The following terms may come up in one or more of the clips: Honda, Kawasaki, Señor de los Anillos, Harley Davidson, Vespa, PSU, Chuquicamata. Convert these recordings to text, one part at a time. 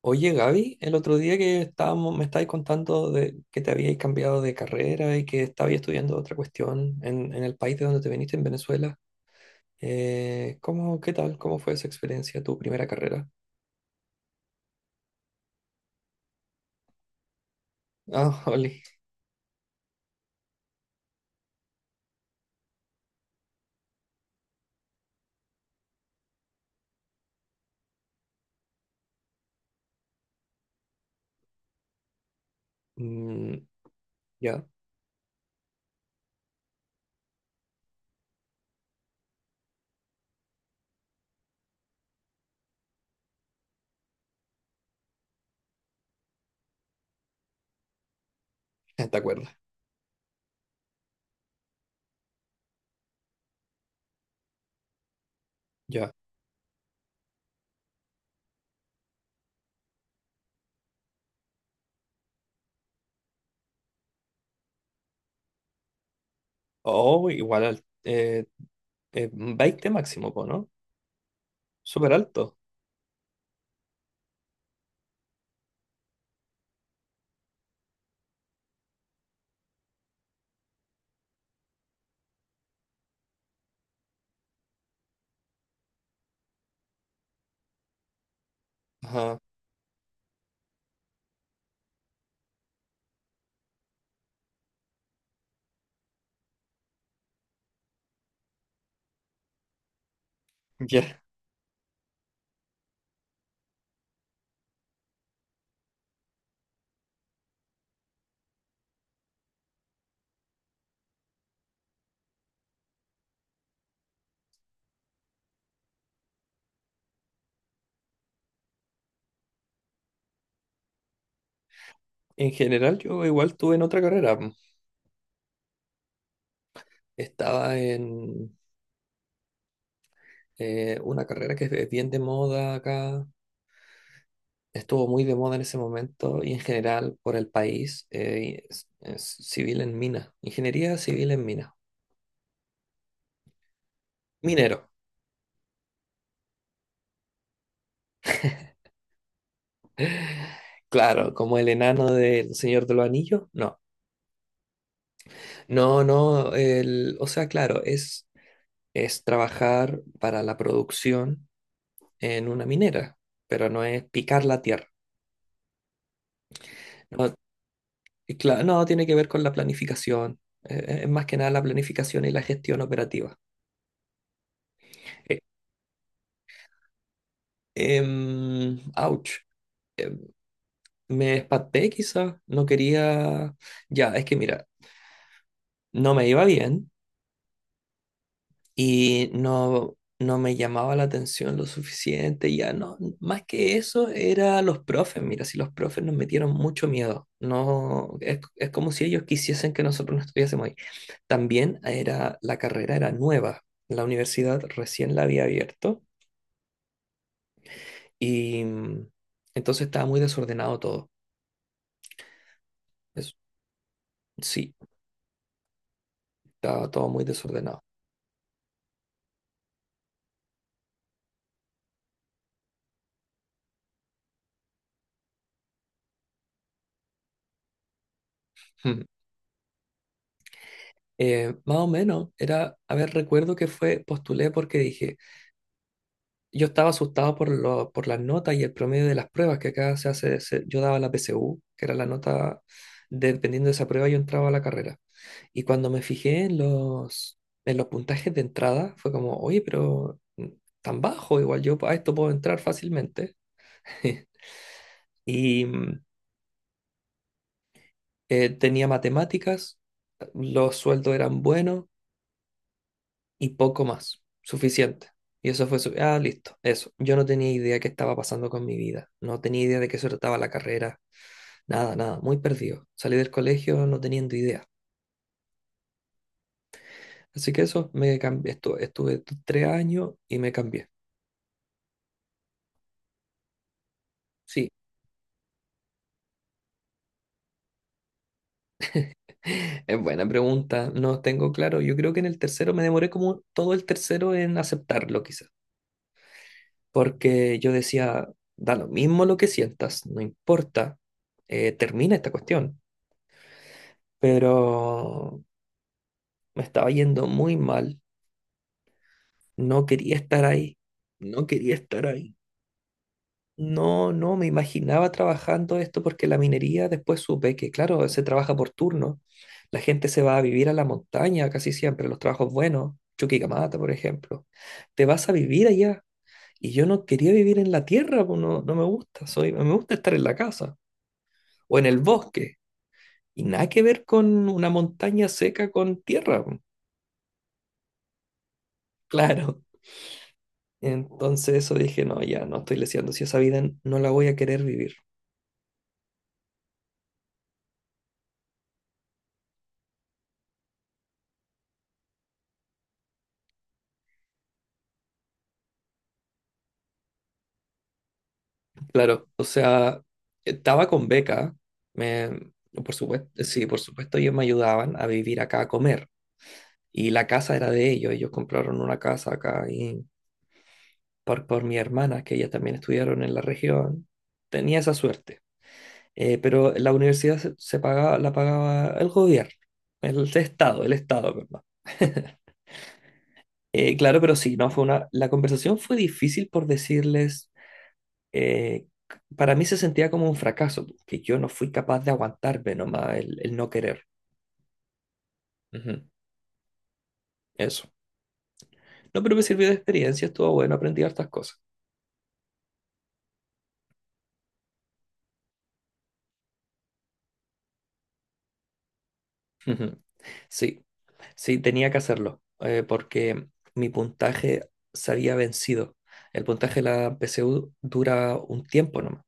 Oye, Gaby, el otro día que estábamos, me estabais contando de que te habíais cambiado de carrera y que estabais estudiando otra cuestión en el país de donde te viniste, en Venezuela. ¿Cómo, qué tal? ¿Cómo fue esa experiencia, tu primera carrera? Ah, Oli. Mm, ya. ¿Te acuerdas? Ya. Oh, igual al 20 máximo, po, ¿no? Súper alto. Ajá. Ya. En general, yo igual estuve en otra carrera. Mm. Estaba en una carrera que es bien de moda acá, estuvo muy de moda en ese momento y en general por el país, es civil en mina, ingeniería civil en mina, minero. Claro, como el enano del Señor de los Anillos, no. No, no, el, o sea, claro, es trabajar para la producción en una minera, pero no es picar la tierra. No, y no tiene que ver con la planificación, es más que nada la planificación y la gestión operativa. Eh, ouch. eh, me espanté quizás, no quería, ya, es que mira, no me iba bien y no me llamaba la atención lo suficiente, ya no, más que eso era los profes, mira, si los profes nos metieron mucho miedo, no, es como si ellos quisiesen que nosotros no estuviésemos ahí. También era, la carrera era nueva, la universidad recién la había abierto y entonces estaba muy desordenado todo. Es- sí, estaba todo muy desordenado. Más o menos, era, a ver, recuerdo que fue, postulé porque dije, yo estaba asustado por las notas y el promedio de las pruebas que acá se hace, yo daba la PSU, que era la nota, dependiendo de esa prueba yo entraba a la carrera. Y cuando me fijé en los puntajes de entrada, fue como, oye, pero tan bajo, igual yo a esto puedo entrar fácilmente. Y tenía matemáticas, los sueldos eran buenos y poco más, suficiente. Ah, listo, eso. Yo no tenía idea qué estaba pasando con mi vida, no tenía idea de qué se trataba la carrera, nada, nada, muy perdido. Salí del colegio no teniendo idea. Así que eso, me cambié, estuve 3 años y me cambié. Sí, es buena pregunta, no tengo claro. Yo creo que en el tercero me demoré como todo el tercero en aceptarlo quizás, porque yo decía, da lo mismo lo que sientas, no importa, termina esta cuestión. Pero me estaba yendo muy mal. No quería estar ahí. No quería estar ahí. No, no, me imaginaba trabajando esto porque la minería después supe que, claro, se trabaja por turno. La gente se va a vivir a la montaña casi siempre, los trabajos buenos, Chuquicamata, por ejemplo. Te vas a vivir allá. Y yo no quería vivir en la tierra, pues, no, no me gusta. Me gusta estar en la casa o en el bosque. Y nada que ver con una montaña seca con tierra, pues. Claro. Entonces eso dije, no, ya no estoy leseando, si esa vida no la voy a querer vivir. Claro, o sea, estaba con beca, me, por supuesto, sí, por supuesto ellos me ayudaban a vivir acá, a comer, y la casa era de ellos, ellos compraron una casa acá y por mi hermana, que ella también estudiaron en la región, tenía esa suerte. Pero la universidad se pagaba, la pagaba el gobierno, el Estado, perdón. Claro, pero sí, no fue una. La conversación fue difícil por decirles, eh, para mí se sentía como un fracaso, que yo no fui capaz de aguantarme nomás el no querer. Ujú, eso. No, pero me sirvió de experiencia, estuvo bueno, aprendí hartas cosas. Ujú. Sí, sí, tenía que hacerlo, porque mi puntaje se había vencido. El puntaje de la PSU dura un tiempo nomás.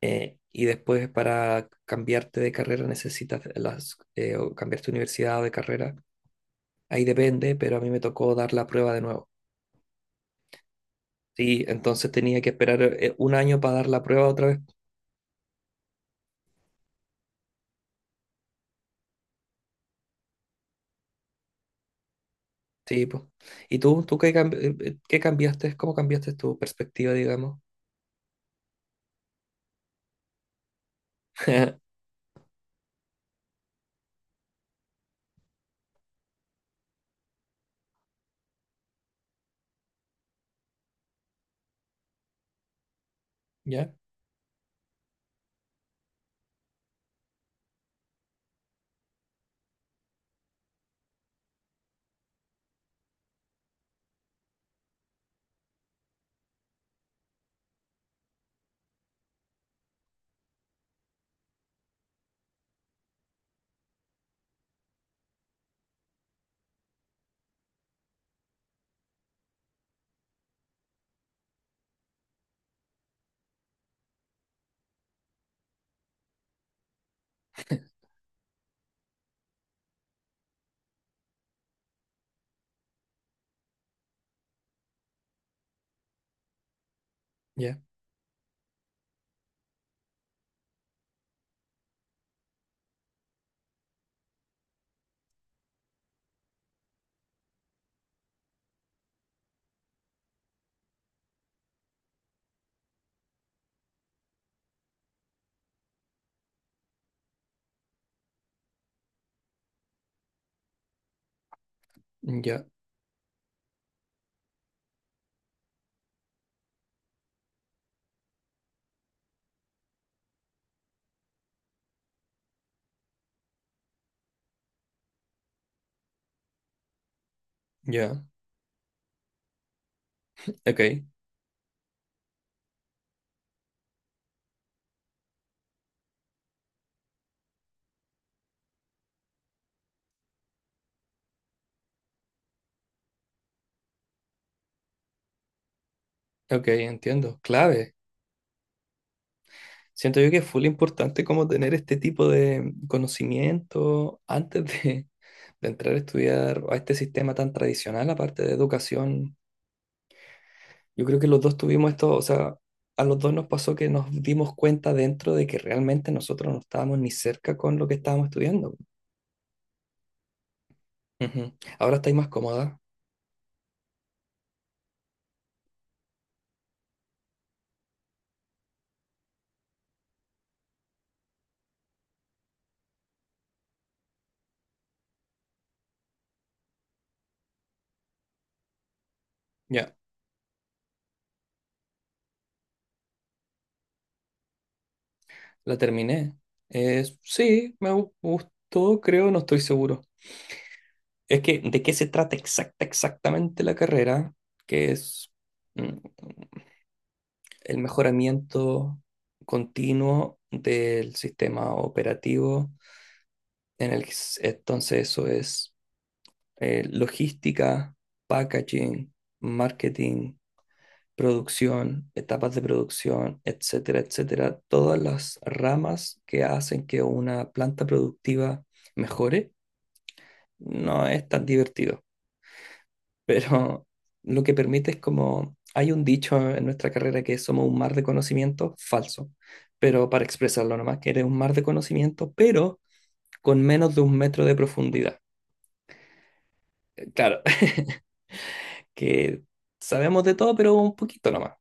Y después para cambiarte de carrera necesitas o cambiarte de universidad o de carrera. Ahí depende, pero a mí me tocó dar la prueba de nuevo. Sí, entonces tenía que esperar un año para dar la prueba otra vez. Sí, pues. ¿Y tú qué cambiaste? ¿Cómo cambiaste tu perspectiva, digamos? Ya, ya, ya, ya. Ok, ok, entiendo. Clave. Siento yo que es full importante como tener este tipo de conocimiento antes de entrar a estudiar a este sistema tan tradicional, aparte de educación. Yo creo que los dos tuvimos esto, o sea, a los dos nos pasó que nos dimos cuenta dentro de que realmente nosotros no estábamos ni cerca con lo que estábamos estudiando. Ujú. Ahora estáis más cómoda. Ya, la terminé. Sí, me gustó, creo, no estoy seguro. Es que, ¿de qué se trata exactamente la carrera? Que es mm, el mejoramiento continuo del sistema operativo. En el, entonces, eso es logística, packaging, marketing, producción, etapas de producción, etcétera, etcétera. Todas las ramas que hacen que una planta productiva mejore, no es tan divertido. Pero lo que permite es como, hay un dicho en nuestra carrera que somos un mar de conocimiento falso, pero para expresarlo nomás, que eres un mar de conocimiento, pero con menos de un metro de profundidad. Claro, que sabemos de todo, pero un poquito nomás.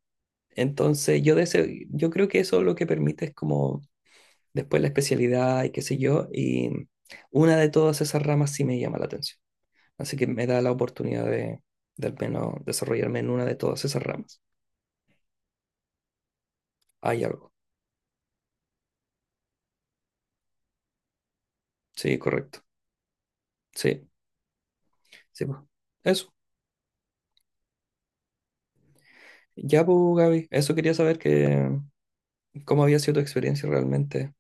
Entonces, yo creo que eso lo que permite es como después la especialidad y qué sé yo, y una de todas esas ramas sí me llama la atención. Así que me da la oportunidad de al menos desarrollarme en una de todas esas ramas. Hay algo. Sí, correcto. Sí, sí, pues. Eso. Ya, pues, Gaby, eso quería saber que cómo había sido tu experiencia realmente.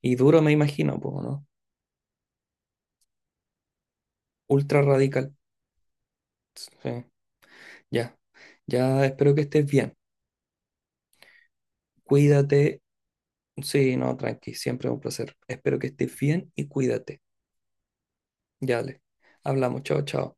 Y duro me imagino, pues, ¿no? Ultra radical. Sí, ya. Ya espero que estés bien. Cuídate. Sí, no, tranqui, siempre un placer. Espero que estés bien y cuídate. Ya le. Hablamos, chao, chao.